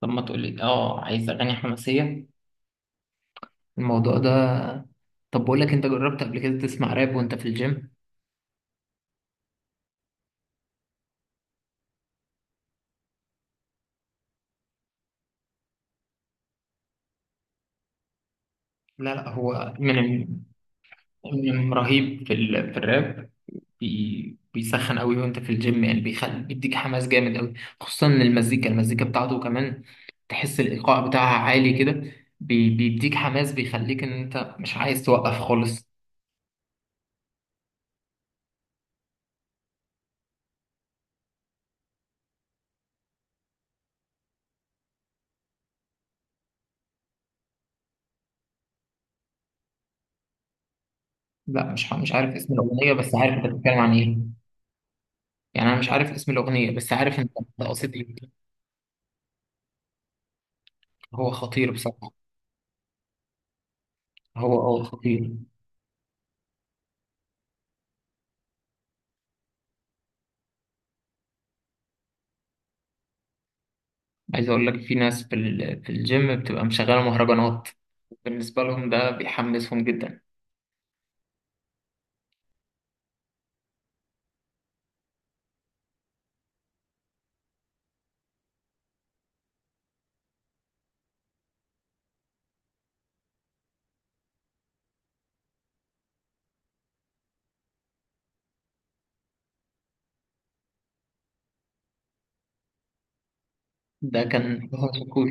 طب ما تقولي عايز اغاني حماسيه الموضوع ده. طب بقول لك انت جربت قبل كده تسمع راب وانت في الجيم؟ لا هو من رهيب في في الراب. بيسخن قوي وانت في الجيم، يعني بيخلي بيديك حماس جامد قوي. خصوصا إن المزيكا بتاعته كمان تحس الايقاع بتاعها عالي كده. بيديك حماس، بيخليك ان انت مش عايز توقف خالص. لا، مش عارف اسم الاغنيه، بس عارف انت بتتكلم عن ايه. يعني انا مش عارف اسم الاغنيه، بس عارف انت قصدي إيه. هو خطير بصراحة. هو خطير. عايز اقول لك في ناس في في الجيم بتبقى مشغلة مهرجانات، بالنسبة لهم ده بيحمسهم جدا. ده كان هو شاكوش،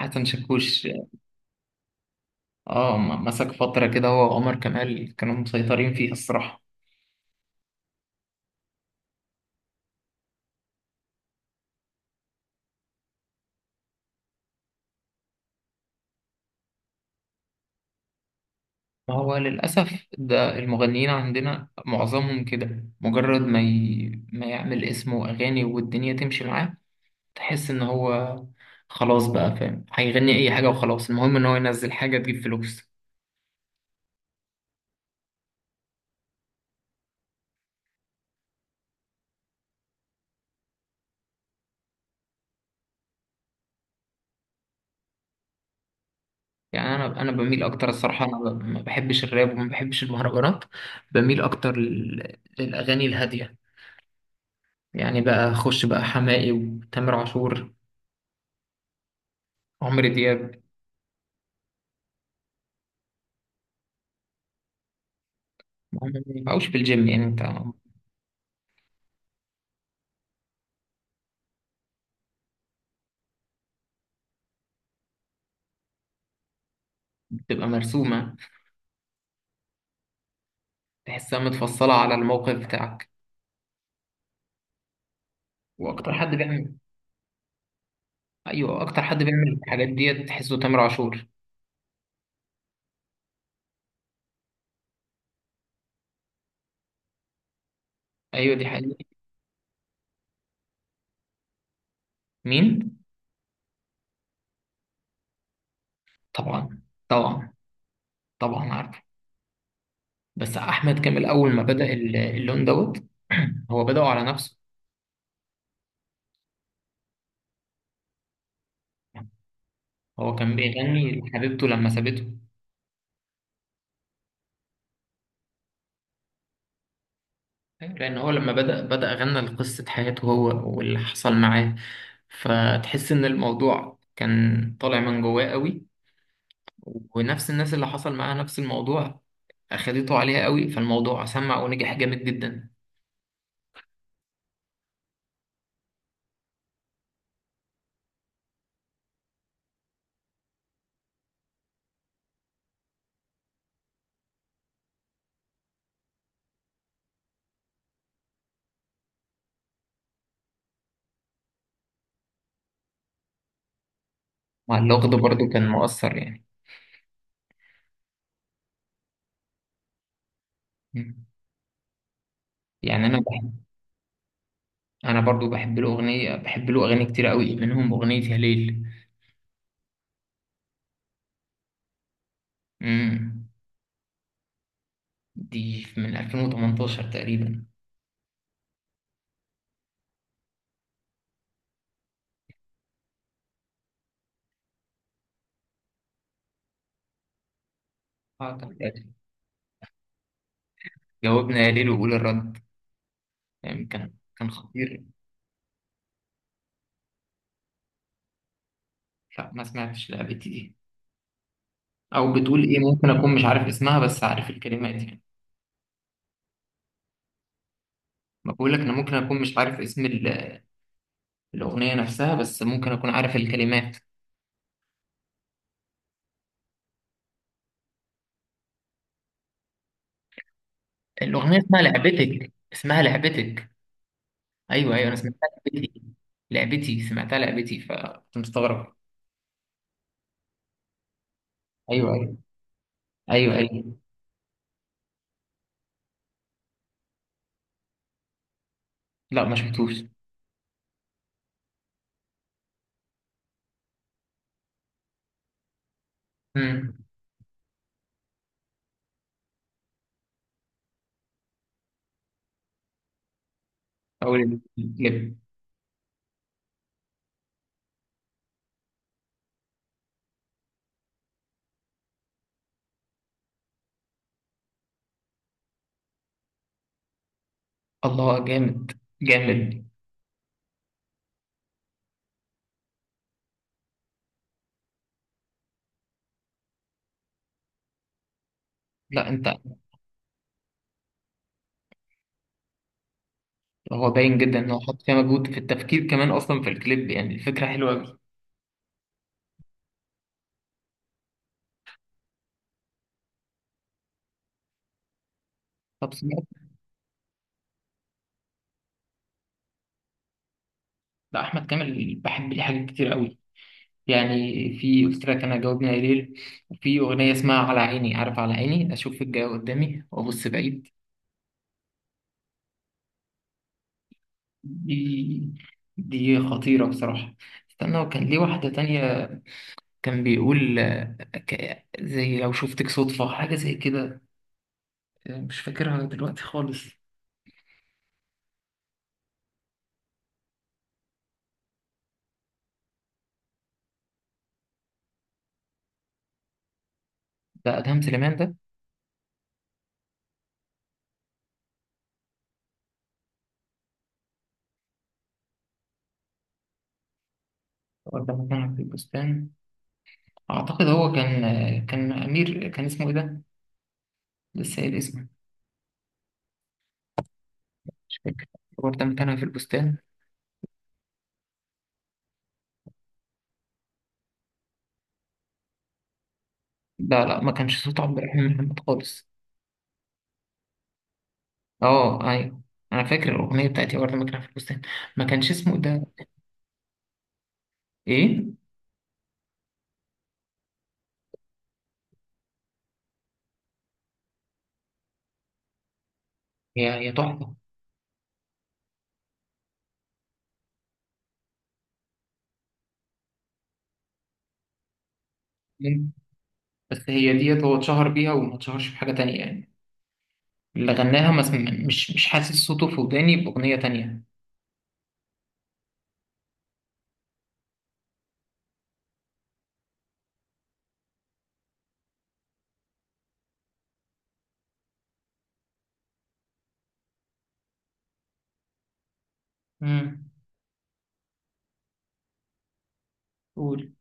حسن شاكوش. اه، مسك فترة كده هو وعمر كمال كانوا مسيطرين فيها الصراحة. ما هو للأسف ده المغنيين عندنا معظمهم كده، مجرد ما يعمل اسمه وأغاني والدنيا تمشي معاه، تحس إن هو خلاص بقى فاهم هيغني أي حاجة وخلاص، المهم إن هو ينزل حاجة تجيب فلوس. يعني انا بميل اكتر الصراحه، انا ما بحبش الراب وما بحبش المهرجانات، بميل اكتر للاغاني الهاديه. يعني بقى اخش بقى حماقي وتامر عاشور، عمرو دياب. ما هم ما ينفعوش في الجيم يعني انت. بتبقى مرسومه، تحسها متفصله على الموقف بتاعك. واكتر حد بيعمل. ايوه اكتر حد بيعمل الحاجات ديت تحسه تامر عاشور. ايوه دي حقيقة. مين؟ طبعا. طبعا. طبعا عارفه. بس احمد كامل اول ما بدأ اللون دوت هو بدأه على نفسه. هو كان بيغني لحبيبته لما سابته. أيوة، لأن هو لما بدأ، بدأ غنى لقصة حياته هو واللي حصل معاه، فتحس إن الموضوع كان طالع من جواه قوي. ونفس الناس اللي حصل معاها نفس الموضوع أخدته عليها قوي، فالموضوع سمع ونجح جامد جدا. مع اللغة ده برضو كان مؤثر يعني. مم. يعني أنا بحب. أنا برضو بحب له أغنية، بحب له أغاني كتير قوي منهم أغنية يا ليل. مم. دي من 2018 تقريبا. آه، جاوبنا يا ليل وقول الرد. يعني كان خطير. لا، ما سمعتش لعبتي دي، او بتقول ايه؟ ممكن اكون مش عارف اسمها بس عارف الكلمات يعني. ما بقول لك انا ممكن اكون مش عارف اسم الاغنيه نفسها بس ممكن اكون عارف الكلمات. الاغنيه اسمها لعبتك، اسمها لعبتك. ايوه ايوه، انا سمعتها. لعبتي، لعبتي سمعتها، لعبتي، فكنت مستغرب. ايوه ايوه. ايوه ايوه. لا، ما شفتوش. امم. اقول. اللب. الله، جامد. جامد. لا انت، هو باين جدا ان هو حط فيها مجهود في التفكير كمان، اصلا في الكليب يعني الفكره حلوه قوي. طب سمعت. لا، احمد كامل بحب ليه حاجات كتير قوي يعني. في، قلت لك انا جاوبني يا ليل. وفي اغنيه اسمها على عيني، عارف على عيني اشوف الجاي قدامي وابص بعيد. دي، دي خطيره بصراحه. استنى، وكان ليه واحده تانية. كان بيقول آه، زي لو شفتك صدفه، حاجه زي كده. آه، مش فاكرها دلوقتي خالص. ده ادهم سليمان ده. ولا مكان في البستان. أعتقد هو كان، كان أمير، كان اسمه إيه ده؟ لسه قايل اسمه، مش فاكر. هو ده مكانها في البستان. لا ما كانش صوت عبد الرحمن محمد خالص. أه أيوه، أنا فاكر الأغنية بتاعتي وردة مكانها في البستان، ما كانش اسمه إيه ده. إيه؟ هي تحفة. مم. بس هي ديت هو اتشهر بيها وما اتشهرش بحاجة تانية يعني. اللي غناها ما سم- مش حاسس صوته في وداني بأغنية تانية. امم. قول.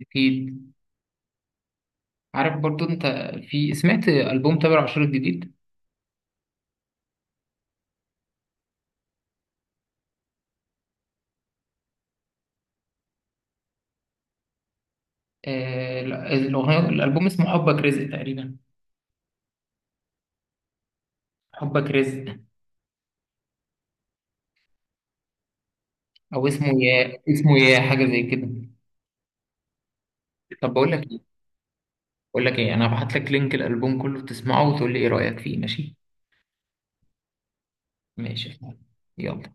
أكيد. عارف برضو أنت، في سمعت ألبوم تامر عاشور الجديد؟ آه، الألبوم اسمه حبك رزق تقريبا. حبك رزق. أو اسمه يا، اسمه يا حاجة زي كده. طب بقول لك إيه. بقول لك إيه، أنا هبعت لك لينك الألبوم كله تسمعه وتقول لي إيه رأيك فيه، ماشي؟ ماشي. يلا.